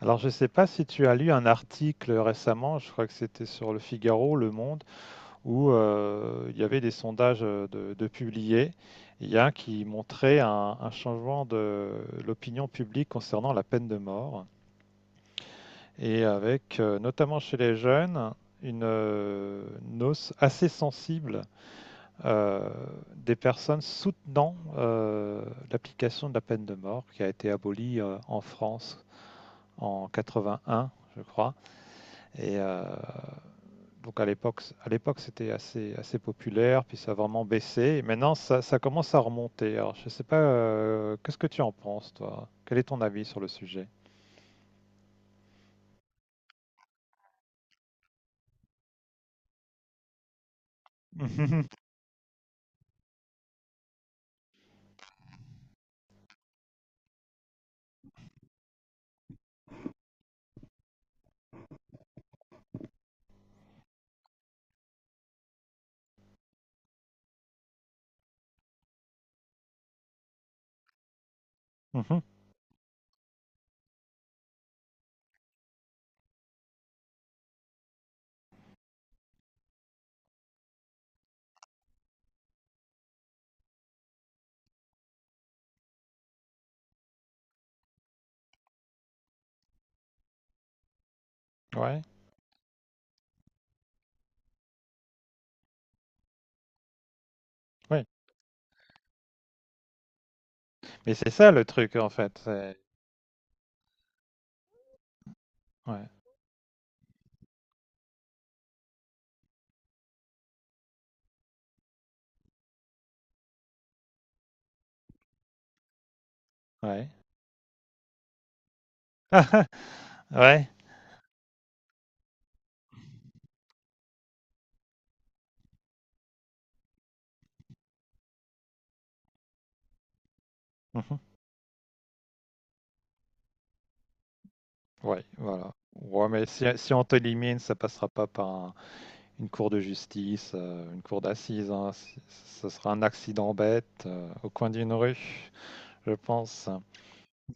Alors, je ne sais pas si tu as lu un article récemment, je crois que c'était sur Le Figaro, Le Monde, où il y avait des sondages de publiés. Il y a un qui montrait un changement de l'opinion publique concernant la peine de mort, et avec notamment chez les jeunes une, euh, une hausse assez sensible euh, des personnes soutenant l'application de la peine de mort qui a été abolie en France en 81, je crois. Et donc à l'époque, c'était assez, assez populaire, puis ça a vraiment baissé. Et maintenant, ça commence à remonter. Alors, je ne sais pas, qu'est-ce que tu en penses, toi? Quel est ton avis sur le sujet? Mhm, mhm. Ouais, ouais. Mais c'est ça le truc, en fait. Ouais, ouais. Ouais. Mhm. Ouais, voilà. Ouais, mais si on t'élimine, ça passera pas par une cour de justice, une cour d'assises, hein. Ce sera un accident bête au coin d'une rue, je pense.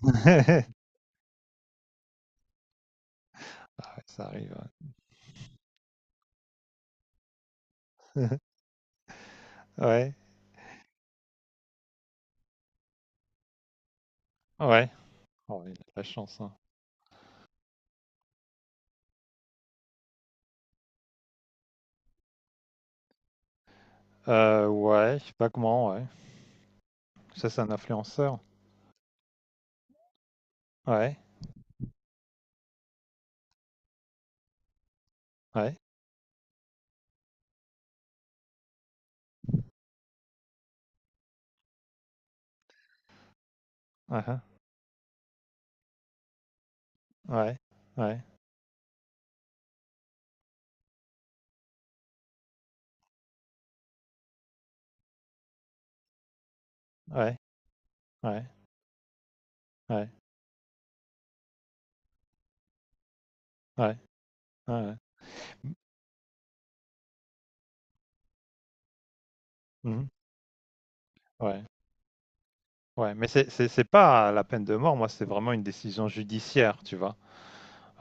Ah ouais, ça arrive. Ouais. ouais, ouais. Oh, il a de la chance, hein. Ouais, je sais pas comment, ouais. Ça, c'est un influenceur. Ouais, ouais, aha, ouais, ouais, ouais, ouais, ouais, ouais, ouais, mhm, ouais, ouais. Mais c'est pas la peine de mort, moi, c'est vraiment une décision judiciaire, tu vois.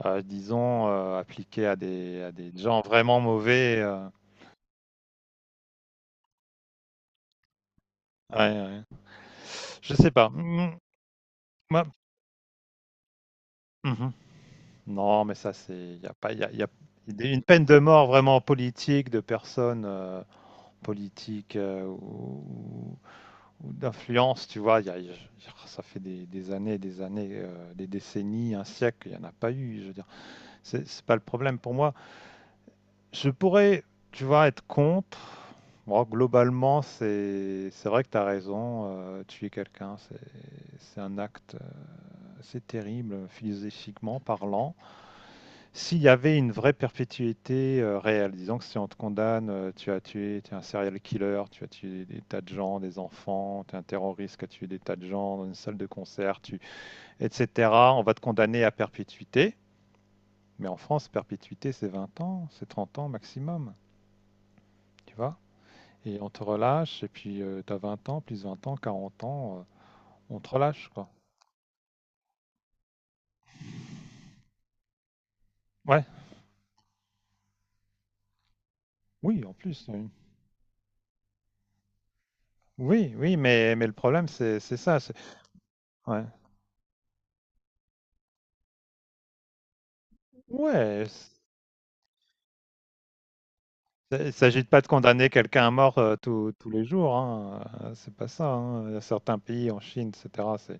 Disons, appliquée à des, gens vraiment mauvais. Ouais, ouais. Je sais pas. Mhm, moi- mhm. Non, mais ça, c'est. Il y a pas. Il y a une peine de mort vraiment politique, de personnes politiques ou d'influence, tu vois. Ça fait des années, des années, des décennies, un siècle, il n'y en a pas eu. Je veux dire, c'est pas le problème pour moi. Je pourrais, tu vois, être contre. Moi, globalement, c'est vrai que tu as raison. Tuer quelqu'un, c'est un acte, c'est terrible, philosophiquement parlant. S'il y avait une vraie perpétuité, réelle, disons que si on te condamne, tu as tué tu es un serial killer, tu as tué des tas de gens, des enfants, tu es un terroriste qui a tué des tas de gens dans une salle de concert, tu et cetera. On va te condamner à perpétuité, mais en France, perpétuité, c'est 20 ans, c'est 30 ans maximum, tu vois? Et on te relâche et puis, tu as 20 ans, plus 20 ans, 40 ans, on te relâche, quoi. Ouais, oui, en plus, oui. Oui, oui, mais le problème, c'est ça, c'est ouais. Ouais, il ne s'agit pas de condamner quelqu'un à mort, tous les jours, hein, c'est pas ça, hein. Il y a certains pays en Chine et cetera, c'est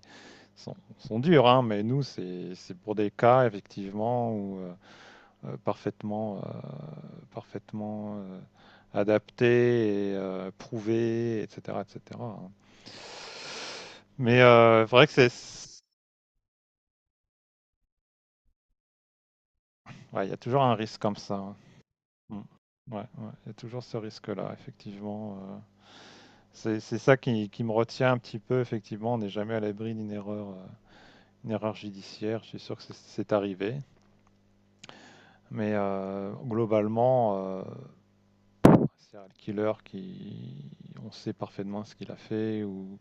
sont durs, hein, mais nous c'est pour des cas effectivement où, parfaitement, parfaitement, heu, adaptés et prouvés et cetera, hein. Mais c'est vrai que c'est ouais, il y a toujours un risque comme ça, hein. Mmh. Ouais, ouais, il y a toujours ce risque-là effectivement. C'est ça qui me retient un petit peu, effectivement. On n'est jamais à l'abri d'une erreur, une erreur judiciaire. Je suis sûr que c'est arrivé. Mais globalement, serial killer qui, on sait parfaitement ce qu'il a fait, ou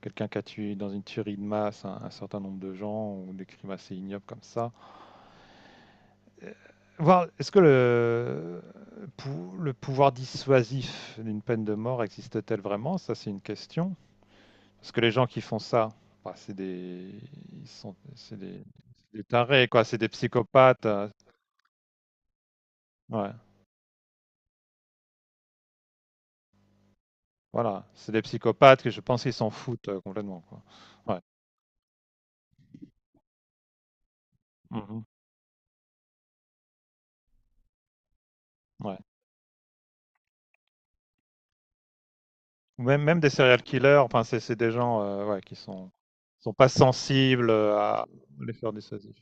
quelqu'un qui a tué dans une tuerie de masse un certain nombre de gens, ou des crimes assez ignobles comme ça. Euh, Voir, est-ce que le pouvoir dissuasif d'une peine de mort existe-t-elle vraiment? Ça, c'est une question. Parce que les gens qui font ça, bah, c'est des... Ils sont... c'est des tarés, quoi. C'est des psychopathes. Ouais, voilà. C'est des psychopathes que je pense qu'ils s'en foutent complètement, quoi. Ouais. Mhm. Ouais. Ou même, même des serial killers, enfin, c'est des gens ouais, qui sont... sont pas sensibles à l'effort dissuasif.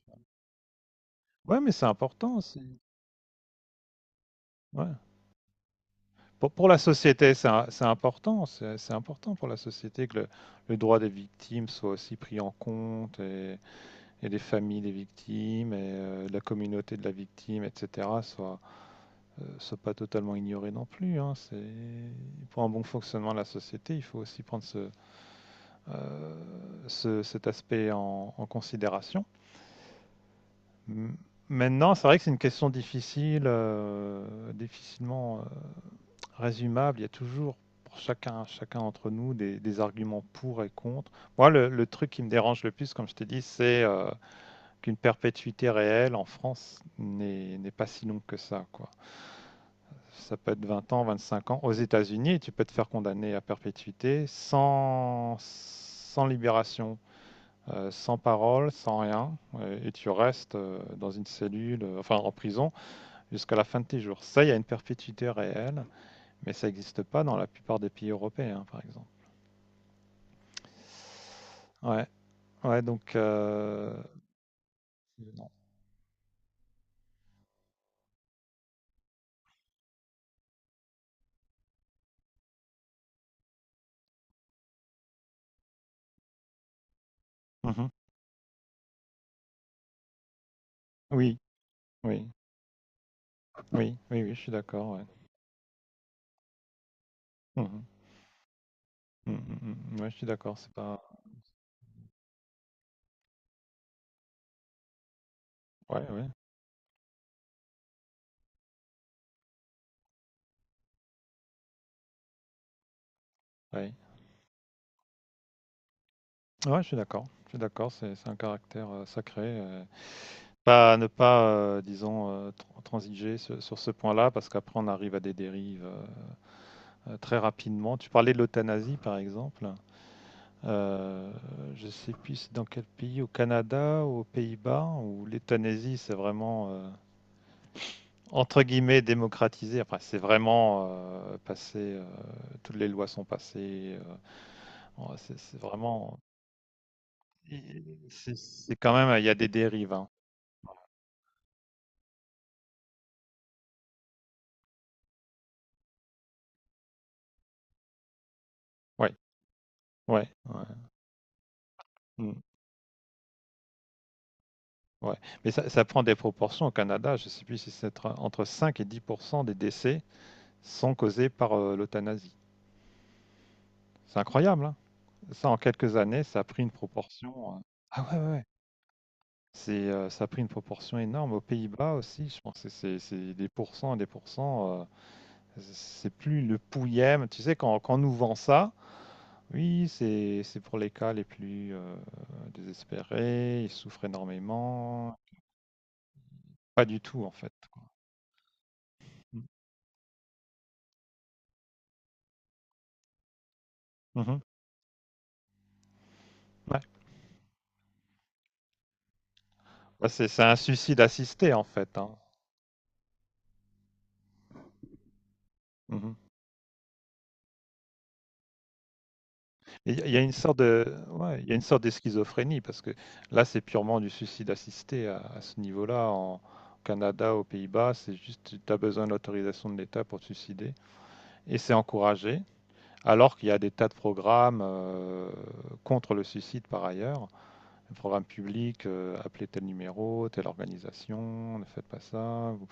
Ouais, mais c'est important aussi. Ouais. Pour la société, c'est c'est important. C'est important pour la société que le droit des victimes soit aussi pris en compte. Et les familles des victimes et la communauté de la victime, etc., soient pas totalement ignorées non plus, hein. Pour un bon fonctionnement de la société, il faut aussi prendre cet aspect en considération. M- Maintenant, c'est vrai que c'est une question difficile, difficilement résumable. Il y a toujours pour chacun d'entre nous des arguments pour et contre. Moi, le truc qui me dérange le plus, comme je t'ai dit, c'est qu'une perpétuité réelle en France n'est pas si longue que ça, quoi. Ça peut être 20 ans, 25 ans. Aux États-Unis, tu peux te faire condamner à perpétuité sans libération, sans parole, sans rien, et tu restes dans une cellule, enfin en prison, jusqu'à la fin de tes jours. Ça, il y a une perpétuité réelle, mais ça n'existe pas dans la plupart des pays européens, hein, par exemple. Ouais, ouais, donc non. Mhm. Oui, oui, oui, oui, oui, je suis d'accord. Ouais. Mhm. Mmh, mmh, mmh. Ouais, je suis d'accord, c'est pas ouais, ouais, ouais. Ouais, je suis d'accord. Je suis d'accord, c'est un caractère, sacré, pas ne pas, disons, transiger ce sur ce point-là parce qu'après on arrive à des dérives, très rapidement. Tu parlais de l'euthanasie par exemple, heu, je sais plus c'est dans quel pays, au Canada ou aux Pays-Bas où l'euthanasie c'est vraiment, entre guillemets «démocratisé». Enfin, c'est vraiment, passé, toutes les lois sont passées, en c'est vraiment. Et c'est quand même, il y a des dérives, hein. Ouais, ouais, ouais, mmh, ouais. Mais ça prend des proportions au Canada, je ne sais plus si c'est entre 5 et 10 % des décès sont causés par, l'euthanasie. C'est incroyable, hein. Ça, en quelques années, ça a pris une proportion, ah ouais, ouais, ouais. C'est, ça a pris une proportion énorme. Aux Pays-Bas aussi, je pense que c'est des pourcents et des pourcents, c'est plus le pouillème. Tu sais, quand on nous vend ça. Oui, c'est pour les cas les plus désespérés. Ils souffrent énormément. Pas du tout, en fait, quoi. Mm. Mhm. Ouais. Bah, c'est un suicide assisté, en fait, hein. Mhm. Il y a une sorte de, ouais, il y a une sorte de schizophrénie parce que là, c'est purement du suicide assisté à ce niveau-là. En Au Canada, aux Pays-Bas, c'est juste tu as besoin de l'autorisation de l'État pour te suicider et c'est encouragé. Alors qu'il y a des tas de programmes contre le suicide par ailleurs. Le programme public, appelez tel numéro, telle organisation, ne faites pas ça, vous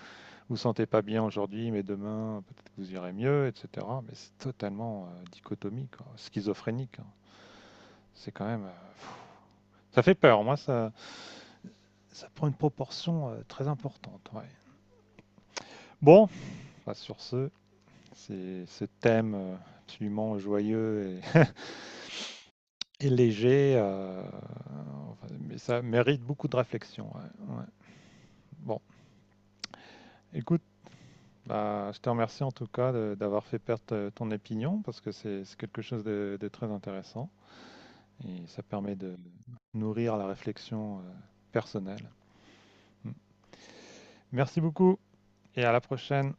vous sentez pas bien aujourd'hui, mais demain, peut-être que vous irez mieux, etc. Mais c'est totalement dichotomique, quoi, schizophrénique, hein. C'est quand même... ça fait peur, moi, ça prend une proportion très importante. Ouais. Bon, bah, sur ce, c'est ce thème absolument joyeux et léger, enfin, mais ça mérite beaucoup de réflexion. Ouais, ouais. Bon, écoute. Bah, je te remercie en tout cas d'avoir fait perdre ton opinion parce que c'est quelque chose de très intéressant et ça permet de nourrir la réflexion personnelle. Mm. Merci beaucoup et à la prochaine.